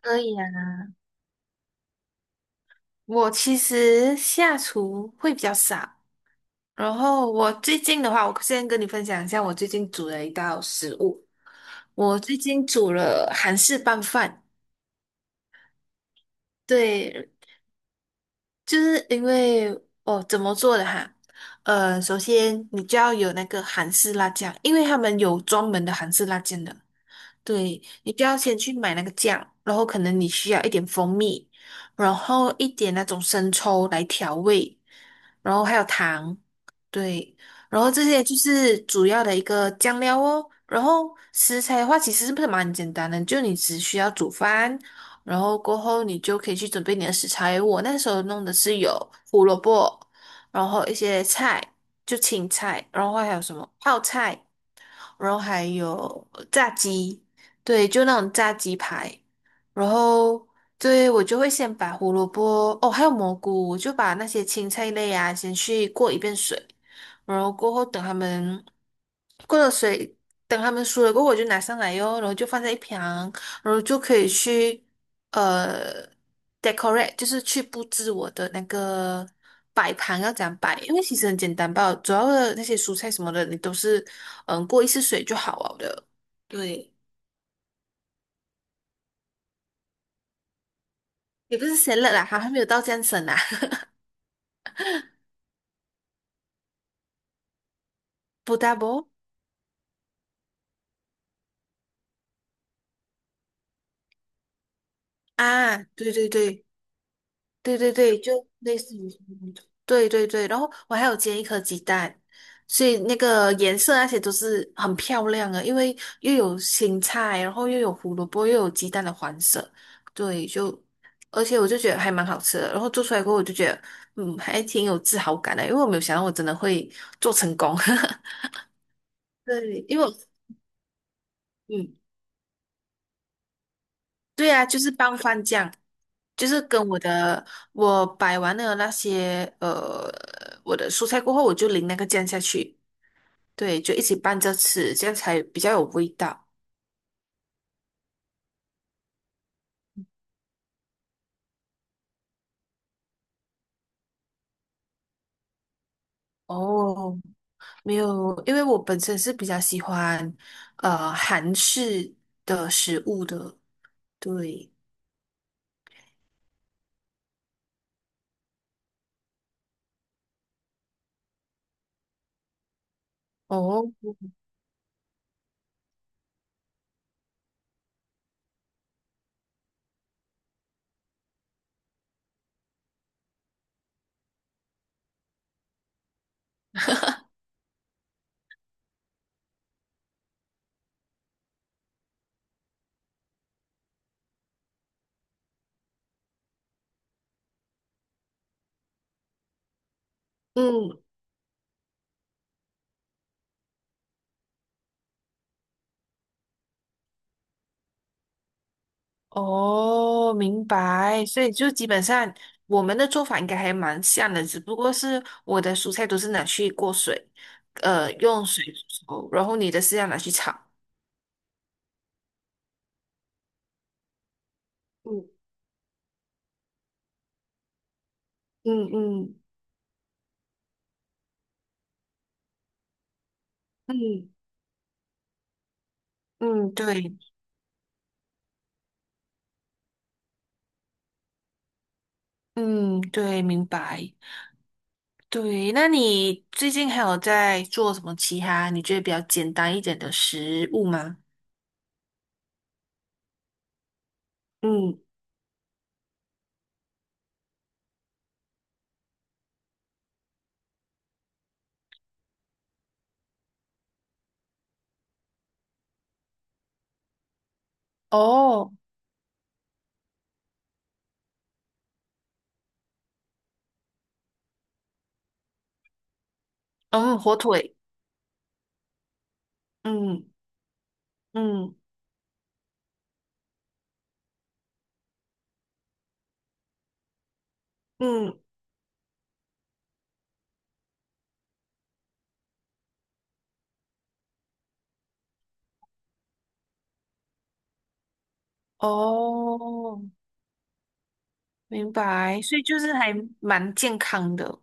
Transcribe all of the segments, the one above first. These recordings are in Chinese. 可以啊。我其实下厨会比较少，然后我最近的话，我先跟你分享一下我最近煮的一道食物。我最近煮了韩式拌饭，对，就是因为哦，怎么做的哈？首先你就要有那个韩式辣酱，因为他们有专门的韩式辣酱的。对，你就要先去买那个酱，然后可能你需要一点蜂蜜，然后一点那种生抽来调味，然后还有糖，对，然后这些就是主要的一个酱料哦。然后食材的话，其实是不是蛮简单的，就你只需要煮饭，然后过后你就可以去准备你的食材。我那时候弄的是有胡萝卜，然后一些菜，就青菜，然后还有什么泡菜。然后还有炸鸡，对，就那种炸鸡排，然后对我就会先把胡萝卜，哦，还有蘑菇，我就把那些青菜类啊先去过一遍水，然后过后等他们过了水，等他们熟了过后，我就拿上来哟，然后就放在一旁，然后就可以去。呃 decorate，就是去布置我的那个摆盘要怎样摆，因为其实很简单吧，主要的那些蔬菜什么的，你都是过一次水就好了的。对，也不是 s a 啦，还没有到这样省啊。不 d o u b e 啊，对对对。对对对，就类似于那种对对对，然后我还有煎一颗鸡蛋，所以那个颜色那些都是很漂亮的，因为又有青菜，然后又有胡萝卜，又有鸡蛋的黄色，对，就而且我就觉得还蛮好吃的，然后做出来过后我就觉得，嗯，还挺有自豪感的，因为我没有想到我真的会做成功，对，因为我嗯。对啊，就是拌饭酱，就是跟我的我摆完了那些我的蔬菜过后，我就淋那个酱下去，对，就一起拌着吃，这样才比较有味道。哦，没有，因为我本身是比较喜欢韩式的食物的，对，哦，嗯。哦，明白。所以就基本上我们的做法应该还蛮像的，只不过是我的蔬菜都是拿去过水，用水煮，然后你的是要拿去炒。嗯嗯嗯嗯嗯，对，嗯对，明白。对，那你最近还有在做什么其他你觉得比较简单一点的食物吗？嗯，哦，嗯，火腿，嗯嗯嗯，哦。明白，所以就是还蛮健康的。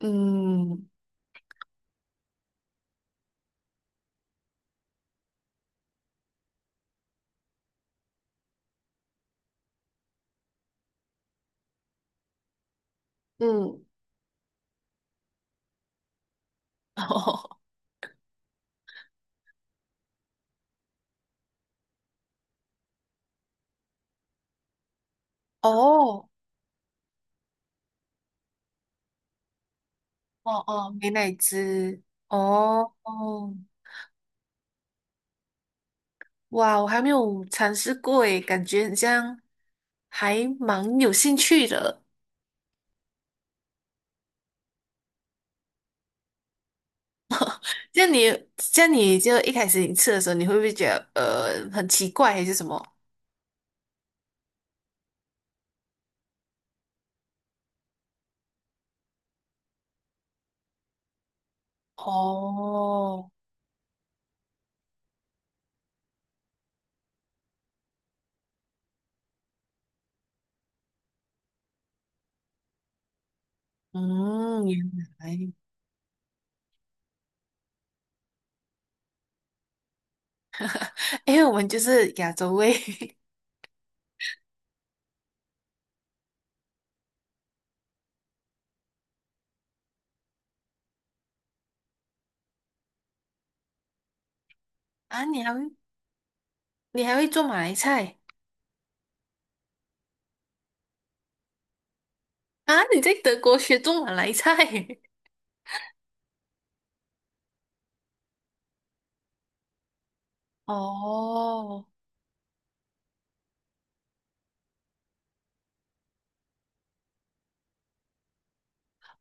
嗯嗯，哦哦哦，美乃滋，哦哦，哇，我还没有尝试过诶，感觉很像还蛮有兴趣的。像你，像你就一开始你吃的时候，你会不会觉得很奇怪还是什么？哦，嗯，原来，因为我们就是亚洲胃 啊，你还会做马来菜？啊，你在德国学做马来菜？哦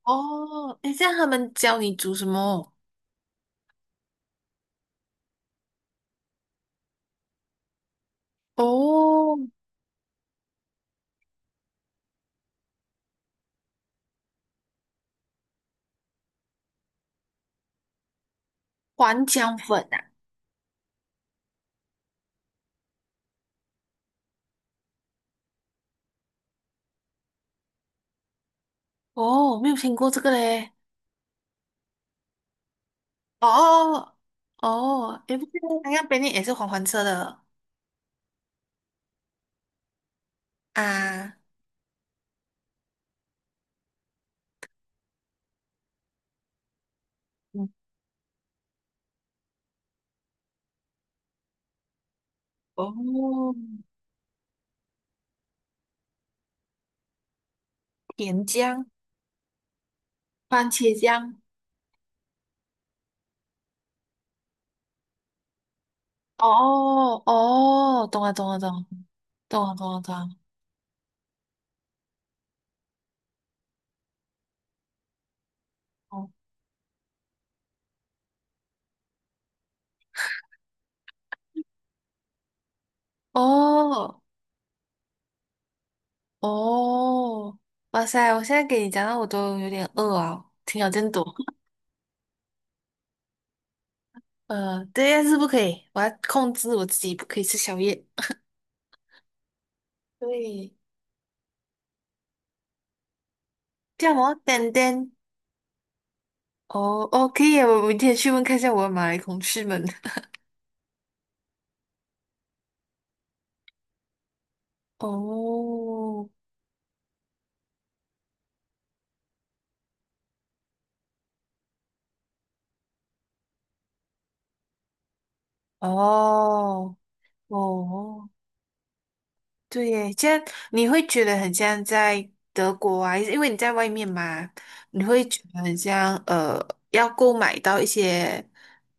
哦，诶，这样他们教你煮什么？哦，黄姜粉啊，哦，没有听过这个嘞。哦哦，也不是，它那边也是黄黄色的啊，嗯哦，甜姜、番茄酱。哦哦，懂了懂了懂了。哦，哦哦，哇塞！我现在给你讲到我都有点饿啊，挺有见多。对，但是不可以，我要控制我自己，不可以吃宵夜。对，叫什么？丹丹。哦哦，可以啊我明天去问看一下我的马来同事们。哦哦哦。对耶，这样你会觉得很像在德国啊，因为你在外面嘛，你会觉得很像要购买到一些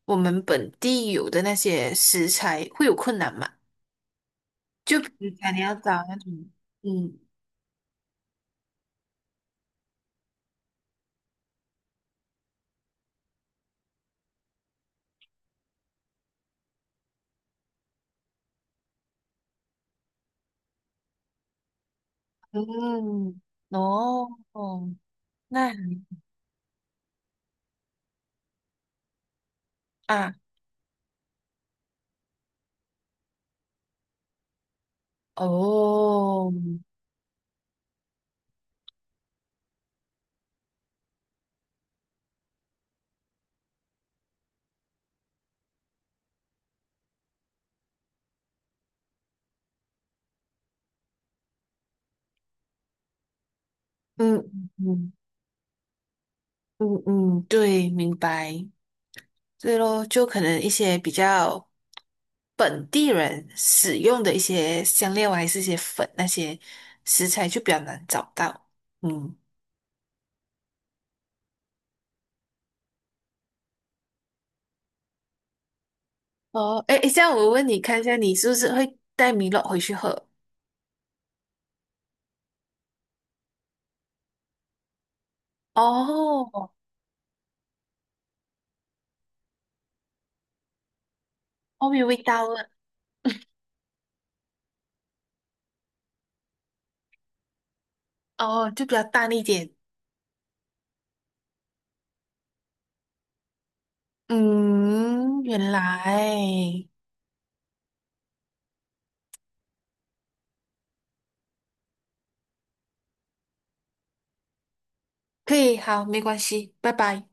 我们本地有的那些食材会有困难嘛？就比如讲你要找那种，嗯嗯，哦，那啊，哦，嗯嗯嗯嗯，嗯对，明白。对咯，就可能一些比较本地人使用的一些香料啊，还是一些粉那些食材就比较难找到。嗯，哦，诶，诶这样我问你看一下，你是不是会带米露回去喝？哦，后面味道了，哦，就比较淡一点。嗯，原来可以，好，没关系，拜拜。